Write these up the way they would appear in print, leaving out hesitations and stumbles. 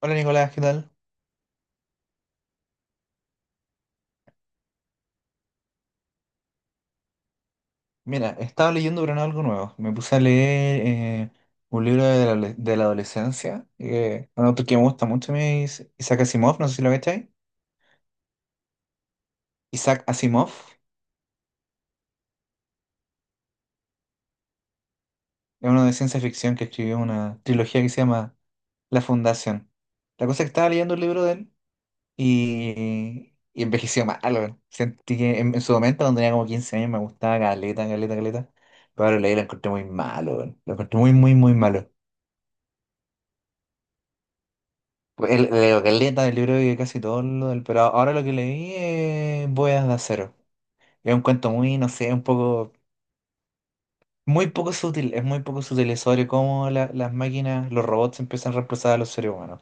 Hola Nicolás, ¿qué tal? Mira, estaba leyendo pero no algo nuevo. Me puse a leer un libro de la adolescencia, un autor que me gusta mucho, a mí es Isaac Asimov, no sé si lo cachai. Isaac Asimov es uno de ciencia ficción que escribió una trilogía que se llama La Fundación. La cosa es que estaba leyendo el libro de él y envejeció mal, weón. Sentí que en su momento, cuando tenía como 15 años, me gustaba caleta, caleta, caleta. Pero ahora leí y lo encontré muy malo, weón. Lo encontré muy, muy, muy malo. Pues, leo caleta del libro que casi todo lo del, pero ahora lo que leí es Bodas de Acero. Es un cuento muy, no sé, un poco, muy poco sutil, es muy poco sutil sobre cómo las máquinas, los robots empiezan a reemplazar a los seres humanos.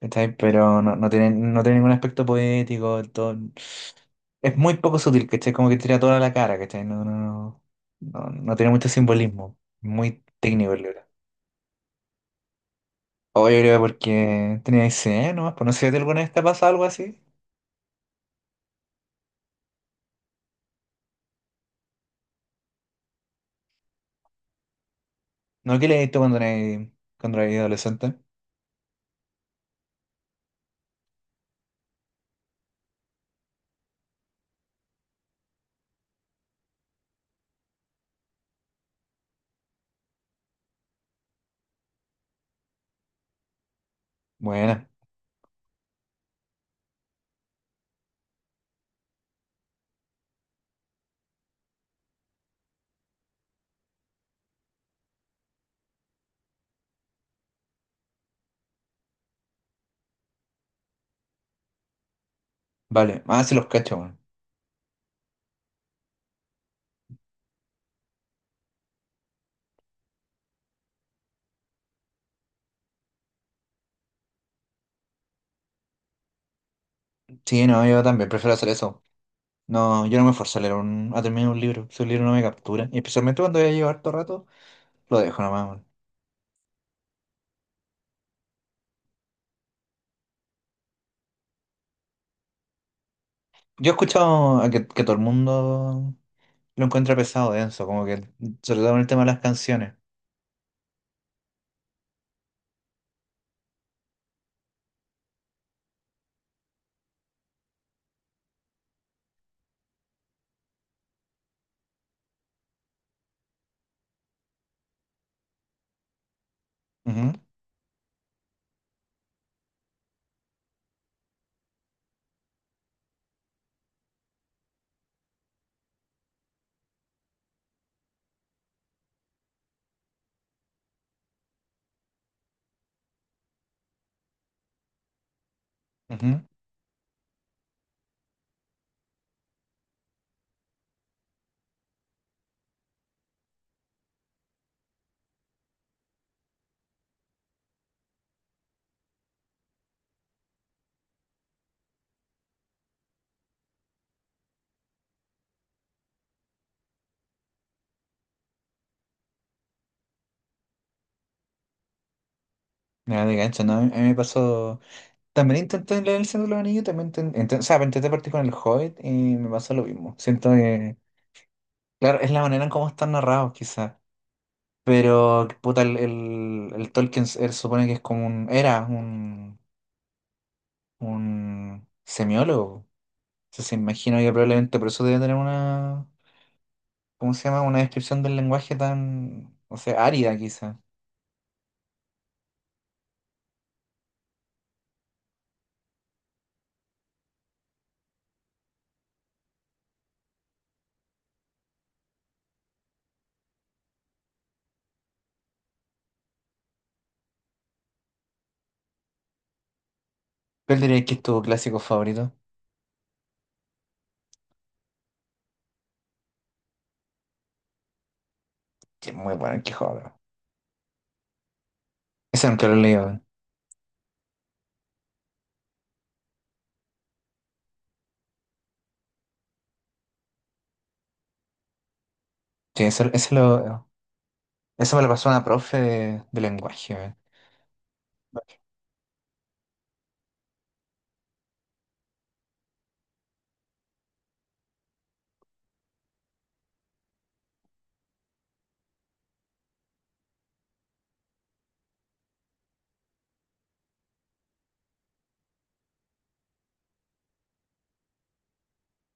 ¿Cachai? Pero no, no tiene ningún aspecto poético, todo, es muy poco sutil, ¿cachai? Como que tira toda la cara, ¿cachai? No, no, no, no, no tiene mucho simbolismo, muy técnico el libro. O yo creo porque tenía 16 años nomás, pues no sé si alguna vez te ha pasado algo así. ¿No que leíste cuando eres adolescente? Buena, vale. Ah, sí los cacho, weón. Sí, no, yo también prefiero hacer eso. No, yo no me esfuerzo a leer a terminar un libro. Si un libro no me captura, y especialmente cuando ya llevo harto rato, lo dejo nomás, weón. Yo he escuchado a que todo el mundo lo encuentra pesado, denso, como que, sobre todo en el tema de las canciones. Ujú, ujú. Nada de gancho, ¿no? A mí me pasó. También intenté leer El Señor de los Anillos, también o sea, intenté partir con El Hobbit y me pasó lo mismo. Siento que. Claro, es la manera en cómo están narrados, quizás. Pero, puta, el Tolkien él supone que es como un. Era un semiólogo. Entonces, se imagina que probablemente por eso debe tener una. ¿Cómo se llama? Una descripción del lenguaje tan. O sea, árida, quizás. ¿Cuál dirías que es tu clásico favorito? Que es muy bueno el Quijote. Ese nunca lo he leído, weón. Sí, ese lo, eso me lo pasó una profe de lenguaje, weón.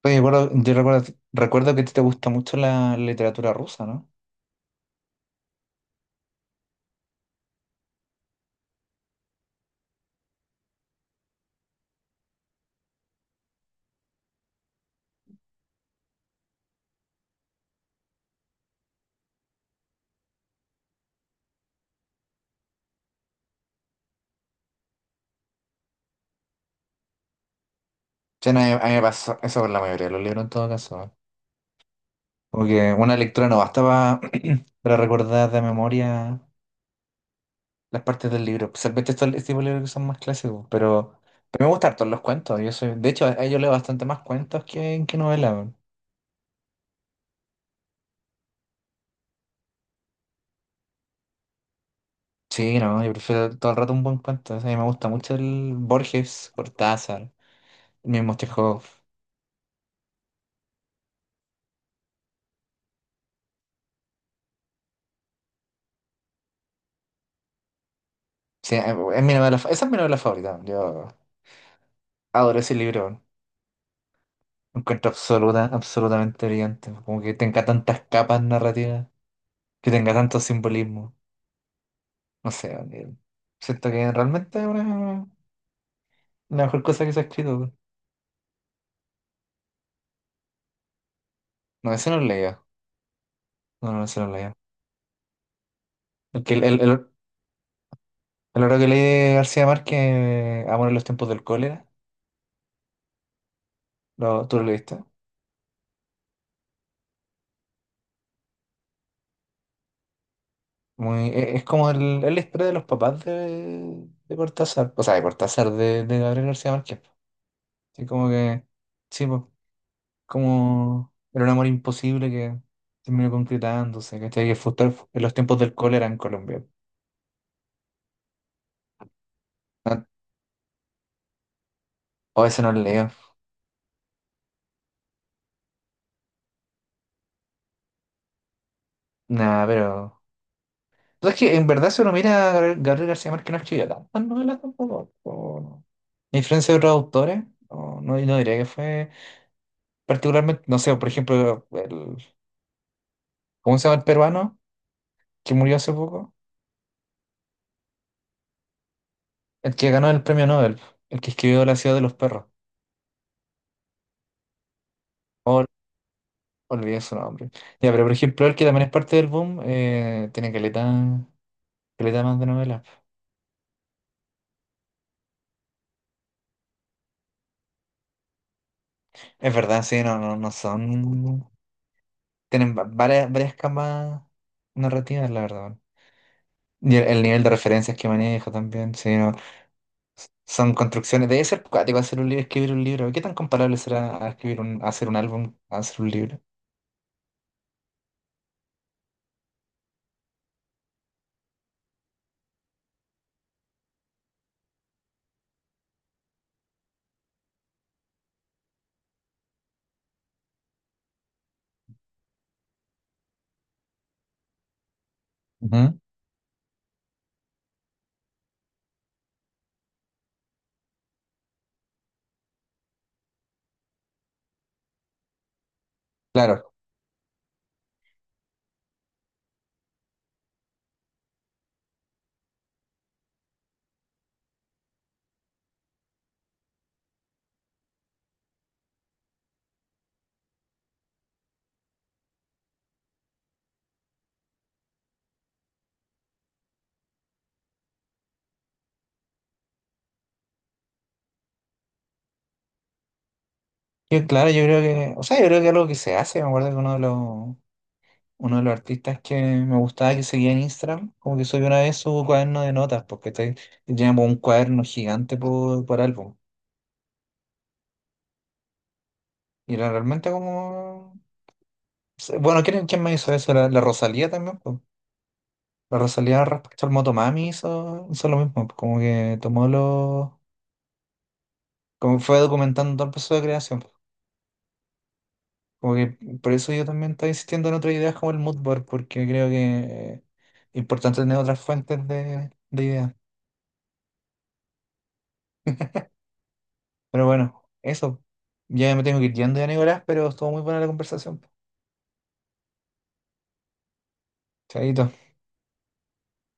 Oye, yo recuerdo que a ti te gusta mucho la literatura rusa, ¿no? Sí, no, a mí me pasó eso con la mayoría de los libros en todo caso. ¿Eh? Como que una lectura no basta para recordar de memoria las partes del libro, especialmente estos este tipo de libros que son más clásicos, pero me gustan harto los cuentos. Yo soy, de hecho, yo leo bastante más cuentos que novelas, weón. Sí, no, yo prefiero todo el rato un buen cuento. O sea, a mí me gusta mucho el Borges, Cortázar, el mismo Chekhov. Sí, es mi novela fa- esa es mi novela favorita. Yo adoro ese libro. Lo encuentro absolutamente brillante. Como que tenga tantas capas narrativas, que tenga tanto simbolismo. No sé, siento que realmente es la mejor cosa que se ha escrito, weón. No, ese no lo leía. No, no, ese no lo leía. El, que- el otro que leí de García Márquez, Amor en los Tiempos del Cólera, ¿tú lo leíste? Muy, e- es como el, es la historia de los papás de Cortázar, o sea, de Cortázar, de Gabriel García Márquez. Así como que, sí, pues, como era un amor imposible que terminó concretándose, ¿cachai? Que fue en los tiempos del cólera en Colombia. O ese no lo leo. Nada pero. Pues es que en verdad, si uno mira a Gabriel García Márquez, no escribió tantas novelas tampoco. O no. A influencia de otros autores, no, no, no diría que fue particularmente. No sé, por ejemplo, ¿cómo se llama el peruano que murió hace poco? El que ganó el premio Nobel, el que escribió La Ciudad de los Perros. Ol- olvidé su nombre. Ya, pero por ejemplo, el que también es parte del boom, tiene caleta, caleta más de novelas. Es verdad, sí, no, no, no son. Tienen varias camas narrativas, la verdad. Bueno. Y el nivel de referencias que maneja también, sí, no, son construcciones. Debe ser cuático hacer un libro, escribir un libro. ¿Qué tan comparable será a escribir a hacer un álbum, a hacer un libro? Ujú. Claro. Yo, claro, yo creo que, o sea, yo creo que algo que se hace, me acuerdo que uno de los artistas que me gustaba que seguía en Instagram, como que subió una vez su cuaderno de notas, porque tenía como un cuaderno gigante por álbum. Y era realmente como. Bueno, ¿quién me hizo eso? La Rosalía también, po. La Rosalía respecto al Motomami hizo lo mismo, po. Como que tomó los. Como fue documentando todo el proceso de creación, po. Como que por eso yo también estoy insistiendo en otras ideas como el mood board, porque creo que es importante tener otras fuentes de ideas. Pero bueno, eso. Ya me tengo que ir yendo ya, Nicolás, pero estuvo muy buena la conversación, po. Chaito.